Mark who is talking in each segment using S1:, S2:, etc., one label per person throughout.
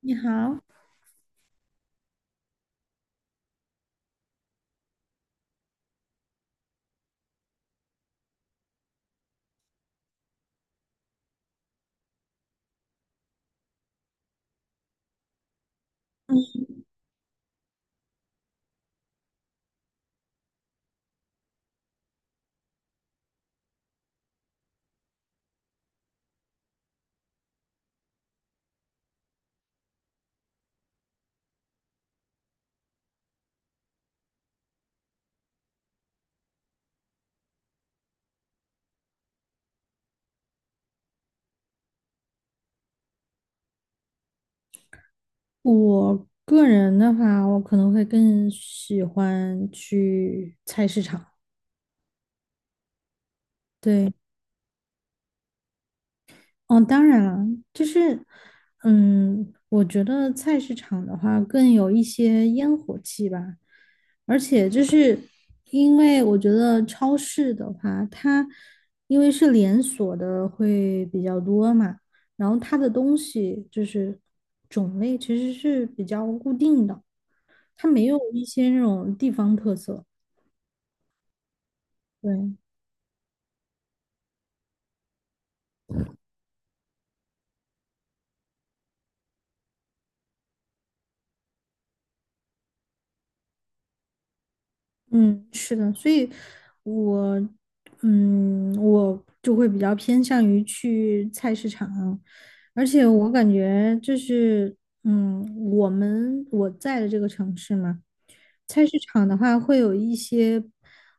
S1: 你好。嗯，我个人的话，我可能会更喜欢去菜市场。对。哦，当然了，就是，我觉得菜市场的话更有一些烟火气吧，而且就是因为我觉得超市的话，它因为是连锁的会比较多嘛，然后它的东西就是种类其实是比较固定的。它没有一些那种地方特色。对，嗯，是的，所以我，我就会比较偏向于去菜市场，而且我感觉就是，嗯，我在的这个城市嘛。菜市场的话会有一些。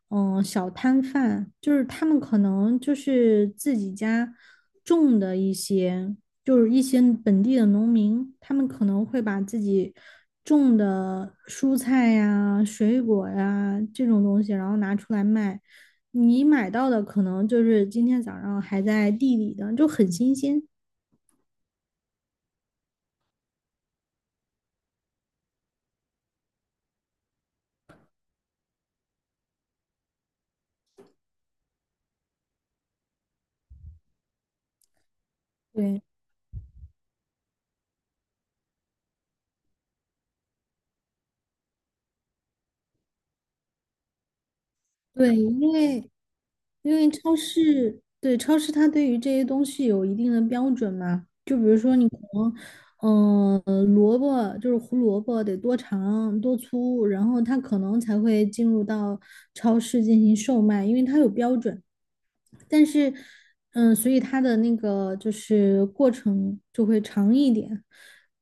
S1: 嗯，小摊贩，就是他们可能就是自己家种的一些，就是一些本地的农民，他们可能会把自己种的蔬菜呀、水果呀这种东西，然后拿出来卖。你买到的可能就是今天早上还在地里的，就很新鲜。对。对，因为超市，对，它对于这些东西有一定的标准嘛，就比如说你可能，萝卜就是胡萝卜得多长多粗，然后它可能才会进入到超市进行售卖，因为它有标准。但是，所以它的那个就是过程就会长一点。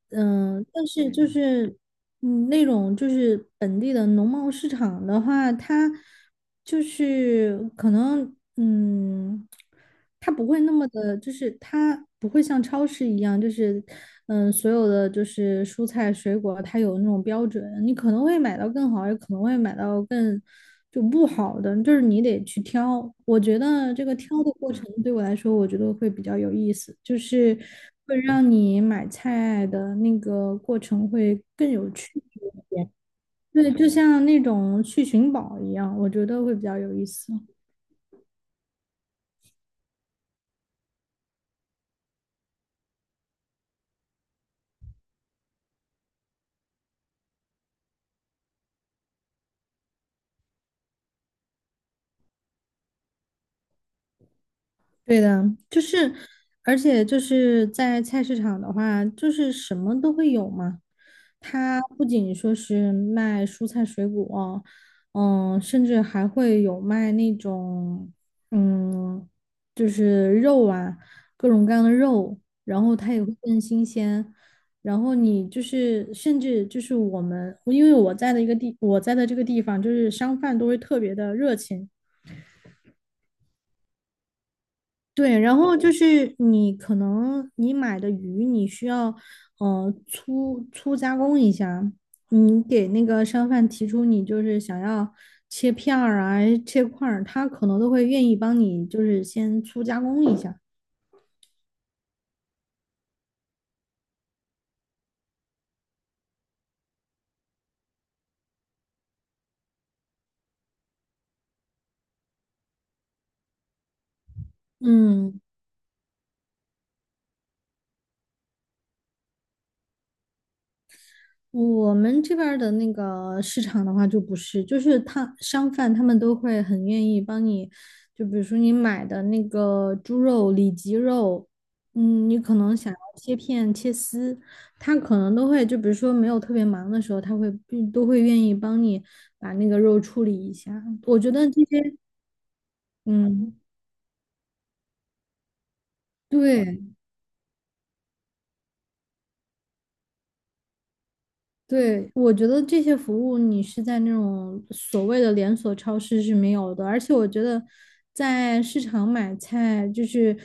S1: 但是就是，那种就是本地的农贸市场的话，它就是可能，它不会那么的，就是它不会像超市一样，就是，所有的就是蔬菜水果，它有那种标准，你可能会买到更好，也可能会买到就不好的，就是你得去挑。我觉得这个挑的过程对我来说，我觉得会比较有意思，就是。会让你买菜的那个过程会更有趣一点。对，就像那种去寻宝一样，我觉得会比较有意思。对的。就是，而且就是在菜市场的话，就是什么都会有嘛。它不仅说是卖蔬菜水果，甚至还会有卖那种，嗯，就是肉啊，各种各样的肉，然后它也会更新鲜。然后你就是，甚至就是我们，因为我在的这个地方，就是商贩都会特别的热情。对，然后就是你可能你买的鱼，你需要粗加工一下，你给那个商贩提出你就是想要切片儿啊、切块儿，他可能都会愿意帮你就是先粗加工一下。嗯。我们这边儿的那个市场的话，就不是，就是商贩他们都会很愿意帮你，就比如说你买的那个猪肉、里脊肉，你可能想要切片、切丝，他可能都会，就比如说没有特别忙的时候，他都会愿意帮你把那个肉处理一下。我觉得这些，嗯，对。对，我觉得这些服务你是在那种所谓的连锁超市是没有的，而且我觉得在市场买菜就是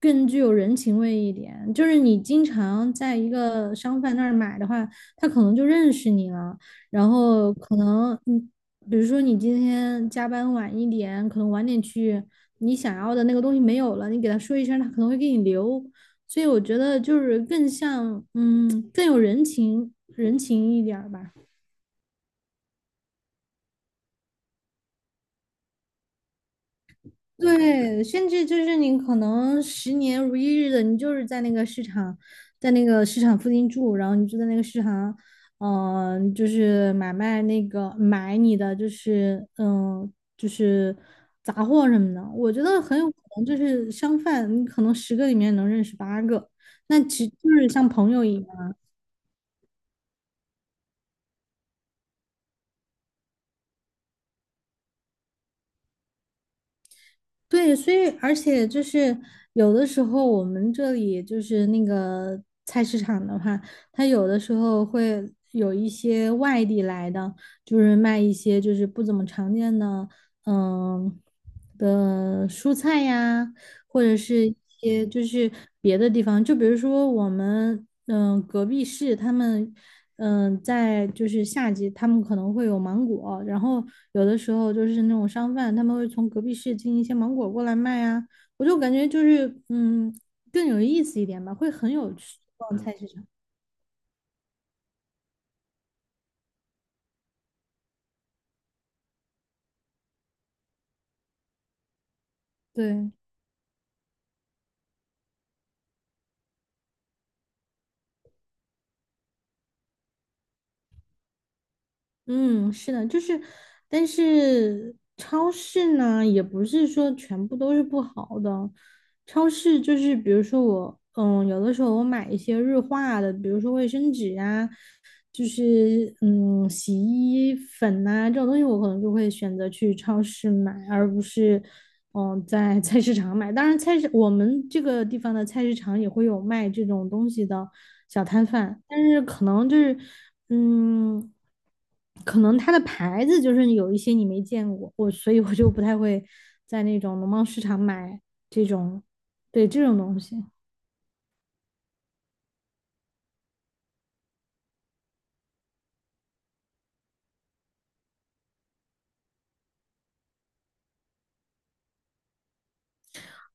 S1: 更具有人情味一点。就是你经常在一个商贩那儿买的话，他可能就认识你了，然后可能你比如说你今天加班晚一点，可能晚点去，你想要的那个东西没有了，你给他说一声，他可能会给你留。所以我觉得就是更像，更有人情一点儿吧。对，甚至就是你可能十年如一日的，你就是在那个市场，在那个市场附近住，然后你就在那个市场，就是买卖那个买你的，就是呃就是杂货什么的。我觉得很有可能就是商贩，你可能十个里面能认识八个，那就是像朋友一样。对，所以而且就是有的时候我们这里就是那个菜市场的话，它有的时候会有一些外地来的，就是卖一些就是不怎么常见的，嗯的蔬菜呀，或者是一些就是别的地方，就比如说我们隔壁市他们在就是夏季他们可能会有芒果，然后有的时候就是那种商贩他们会从隔壁市进一些芒果过来卖啊，我就感觉就是更有意思一点吧，会很有趣逛菜市场，对。嗯，是的，就是，但是超市呢，也不是说全部都是不好的。超市就是，比如说我，有的时候我买一些日化的，比如说卫生纸啊，就是洗衣粉呐、这种东西，我可能就会选择去超市买，而不是在菜市场买。当然，我们这个地方的菜市场也会有卖这种东西的小摊贩，但是可能就是嗯，可能它的牌子就是有一些你没见过，所以我就不太会在那种农贸市场买这种，对这种东西。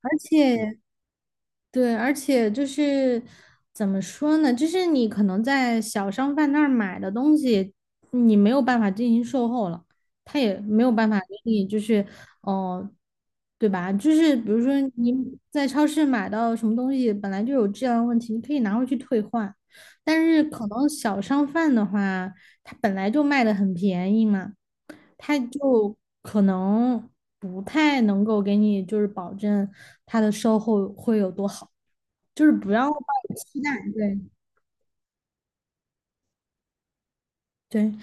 S1: 而且对，而且就是怎么说呢？就是你可能在小商贩那儿买的东西，你没有办法进行售后了，他也没有办法给你，就是哦、呃对吧？就是比如说你在超市买到什么东西，本来就有质量问题，你可以拿回去退换，但是可能小商贩的话，他本来就卖的很便宜嘛。他就可能不太能够给你就是保证他的售后会有多好，就是不要抱有期待，对。对，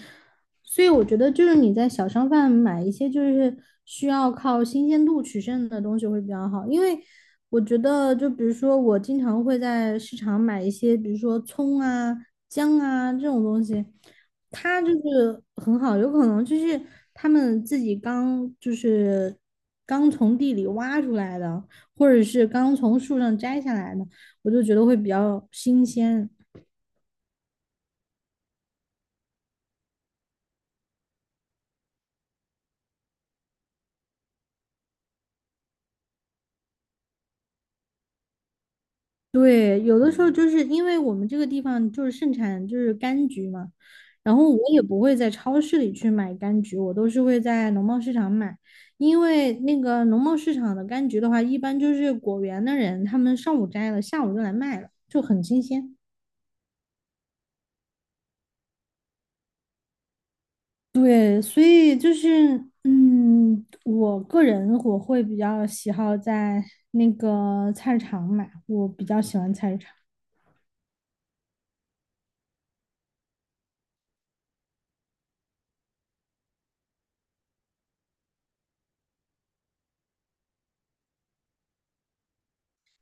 S1: 所以我觉得就是你在小商贩买一些就是需要靠新鲜度取胜的东西会比较好，因为我觉得就比如说我经常会在市场买一些，比如说葱啊、姜啊这种东西，它就是很好，有可能就是他们自己刚就是刚从地里挖出来的，或者是刚从树上摘下来的，我就觉得会比较新鲜。对，有的时候就是因为我们这个地方就是盛产就是柑橘嘛，然后我也不会在超市里去买柑橘，我都是会在农贸市场买，因为那个农贸市场的柑橘的话，一般就是果园的人他们上午摘了，下午就来卖了，就很新鲜。对，所以就是，我个人会比较喜好在那个菜市场买，我比较喜欢菜市场。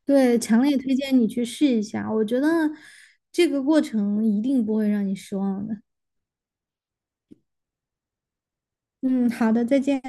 S1: 对，强烈推荐你去试一下，我觉得这个过程一定不会让你失望的。嗯，好的，再见。